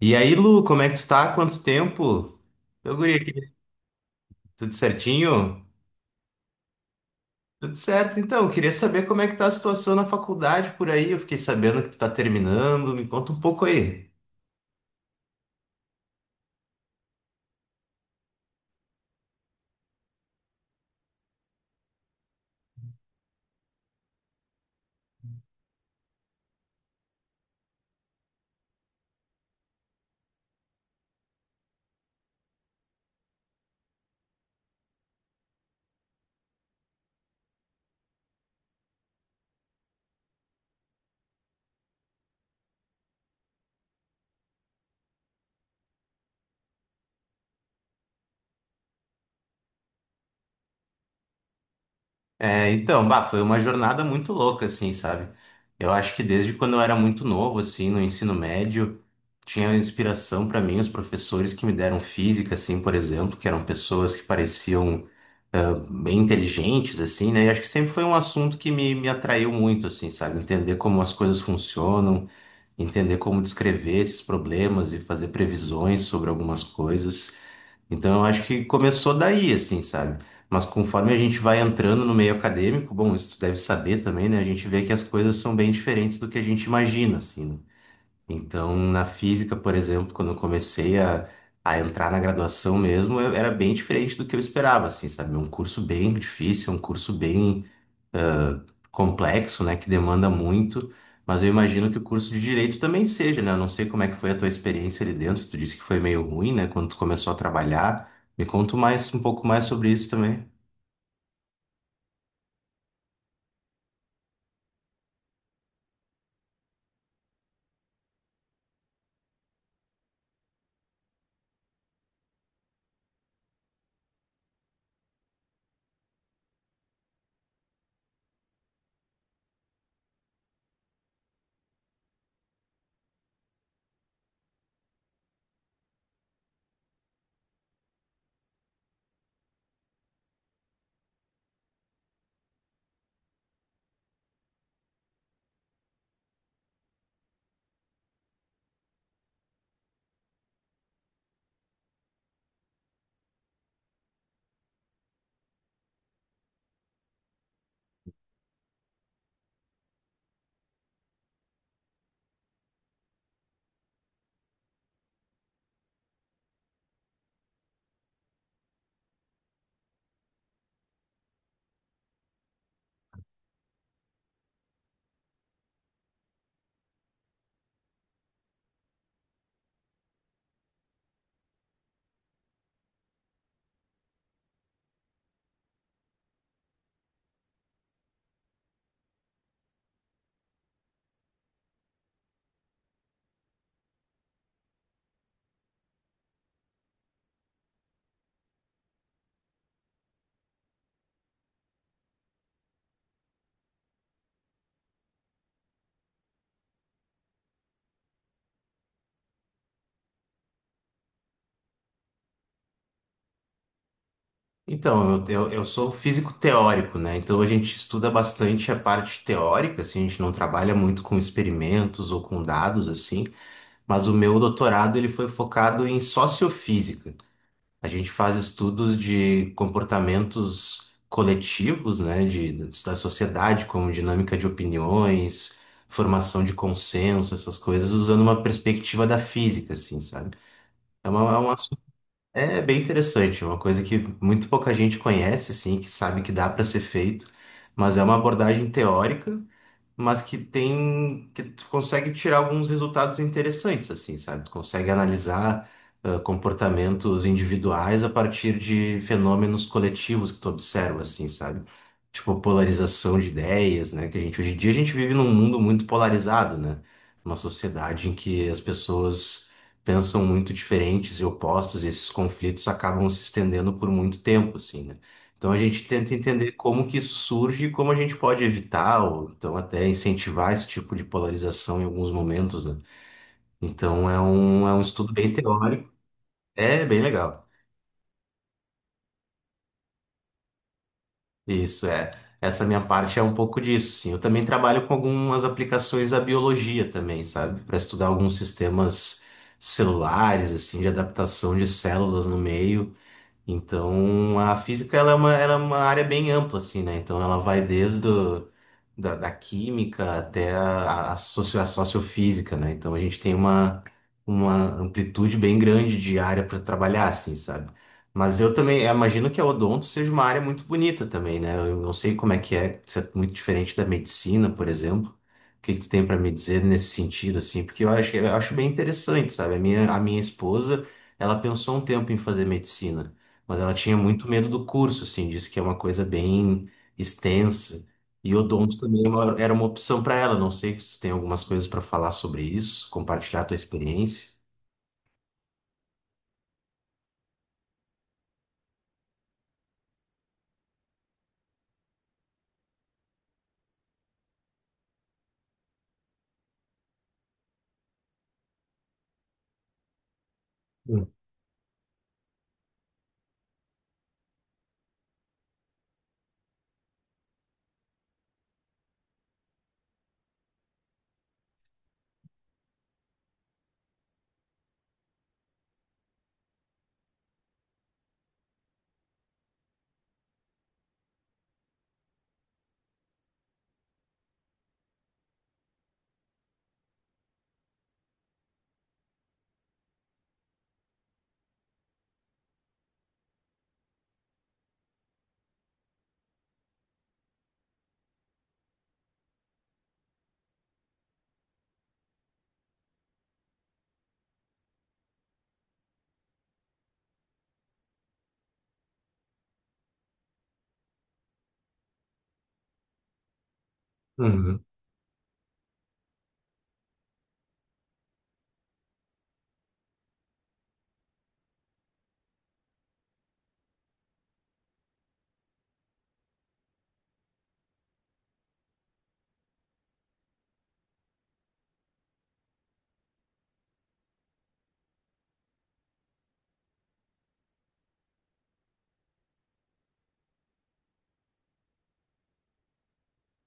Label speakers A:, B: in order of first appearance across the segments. A: E aí, Lu, como é que tu tá? Quanto tempo? Ô, guri, aqui, tudo certinho? Tudo certo, então. Queria saber como é que tá a situação na faculdade por aí. Eu fiquei sabendo que tu tá terminando. Me conta um pouco aí. É, então, bah, foi uma jornada muito louca, assim, sabe? Eu acho que desde quando eu era muito novo, assim, no ensino médio, tinha inspiração pra mim os professores que me deram física, assim, por exemplo, que eram pessoas que pareciam bem inteligentes, assim, né? E acho que sempre foi um assunto que me atraiu muito, assim, sabe? Entender como as coisas funcionam, entender como descrever esses problemas e fazer previsões sobre algumas coisas. Então, eu acho que começou daí, assim, sabe? Mas conforme a gente vai entrando no meio acadêmico, bom, isso tu deve saber também, né? A gente vê que as coisas são bem diferentes do que a gente imagina, assim, né? Então, na física, por exemplo, quando eu comecei a entrar na graduação mesmo, eu- era bem diferente do que eu esperava, assim, sabe? É um curso bem difícil, é um curso bem ah, complexo, né? Que demanda muito, mas eu imagino que o curso de direito também seja, né? Eu não sei como é que foi a tua experiência ali dentro, tu disse que foi meio ruim, né? Quando tu começou a trabalhar. Me conta mais um pouco mais sobre isso também. Então, eu sou físico teórico, né? Então a gente estuda bastante a parte teórica, assim, a gente não trabalha muito com experimentos ou com dados, assim, mas o meu doutorado ele foi focado em sociofísica. A gente faz estudos de comportamentos coletivos, né? De, da sociedade, como dinâmica de opiniões, formação de consenso, essas coisas, usando uma perspectiva da física, assim, sabe? É, uma, é um é bem interessante, é uma coisa que muito pouca gente conhece, assim, que sabe que dá para ser feito, mas é uma abordagem teórica, mas que tem, que tu consegue tirar alguns resultados interessantes, assim, sabe? Tu consegue analisar comportamentos individuais a partir de fenômenos coletivos que tu observa, assim, sabe? Tipo, polarização de ideias, né? Que a gente, hoje em dia, a gente vive num mundo muito polarizado, né? Uma sociedade em que as pessoas pensam muito diferentes e opostos, e esses conflitos acabam se estendendo por muito tempo, assim, né? Então a gente tenta entender como que isso surge e como a gente pode evitar, ou então até incentivar esse tipo de polarização em alguns momentos, né? Então é um estudo bem teórico, é bem legal. Isso é. Essa minha parte é um pouco disso, sim. Eu também trabalho com algumas aplicações à biologia também, sabe? Para estudar alguns sistemas celulares, assim, de adaptação de células no meio. Então, a física ela é uma área bem ampla, assim, né? Então, ela vai desde o, da química até a, socio, a sociofísica, né? Então, a gente tem uma amplitude bem grande de área para trabalhar, assim, sabe? Mas eu também eu imagino que a odonto seja uma área muito bonita também, né? Eu não sei como é que é, se é muito diferente da medicina, por exemplo. O que que tu tem para me dizer nesse sentido, assim? Porque eu acho bem interessante, sabe? A minha esposa, ela pensou um tempo em fazer medicina. Mas ela tinha muito medo do curso, assim, disse que é uma coisa bem extensa. E odonto também é uma- era uma opção para ela. Não sei se tu tem algumas coisas para falar sobre isso, compartilhar a tua experiência. Hum, uhum.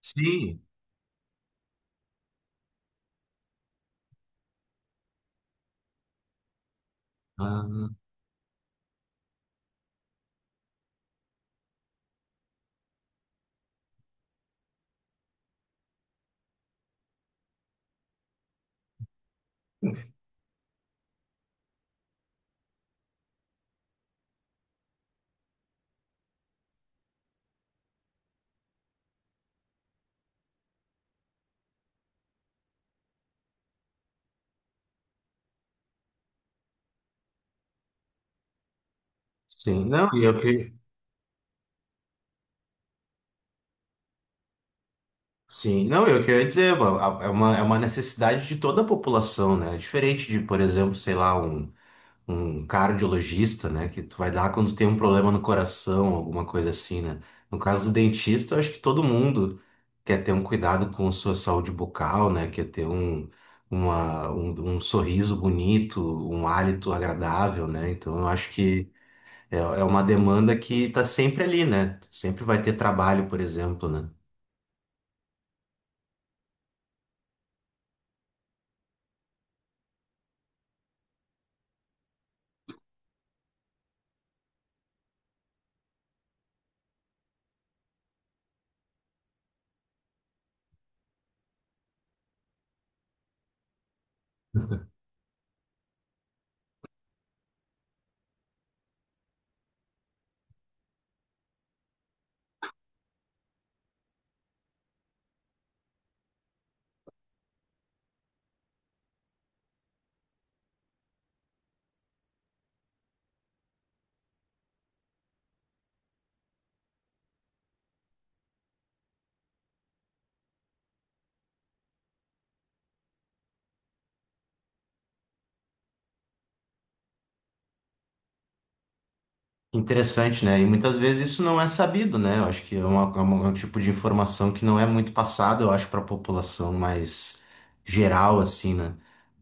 A: Sim. Ah, sim. Não, e eu que... Sim, não, eu que eu queria dizer, é uma necessidade de toda a população, né? É diferente de, por exemplo, sei lá, um cardiologista, né? Que tu vai dar quando tem um problema no coração, alguma coisa assim, né? No caso do dentista, eu acho que todo mundo quer ter um cuidado com sua saúde bucal, né? Quer ter um sorriso bonito, um hálito agradável, né? Então eu acho que é uma demanda que tá sempre ali, né? Sempre vai ter trabalho, por exemplo, né? Interessante, né? E muitas vezes isso não é sabido, né? Eu acho que é, uma, é um tipo de informação que não é muito passada, eu acho, para a população mais geral, assim, né?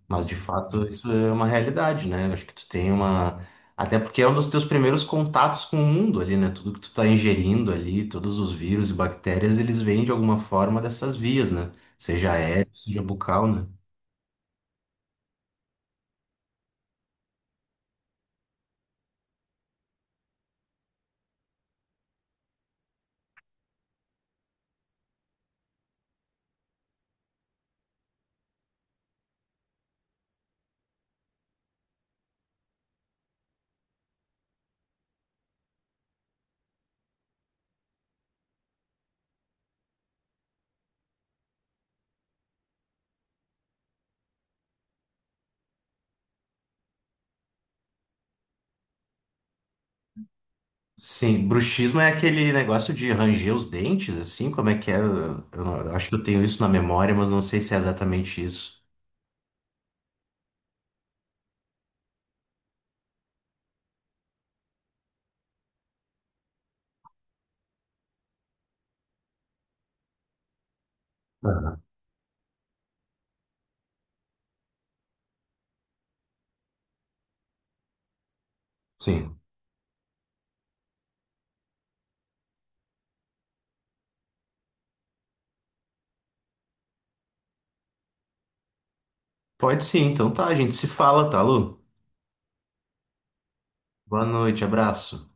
A: Mas de fato isso é uma realidade, né? Eu acho que tu tem uma. Até porque é um dos teus primeiros contatos com o mundo ali, né? Tudo que tu tá ingerindo ali, todos os vírus e bactérias, eles vêm de alguma forma dessas vias, né? Seja aéreo, seja bucal, né? Sim, bruxismo é aquele negócio de ranger os dentes, assim, como é que é? Eu não- eu acho que eu tenho isso na memória, mas não sei se é exatamente isso. Aham. Sim. Pode sim, então tá, a gente se fala, tá, Lu? Boa noite, abraço.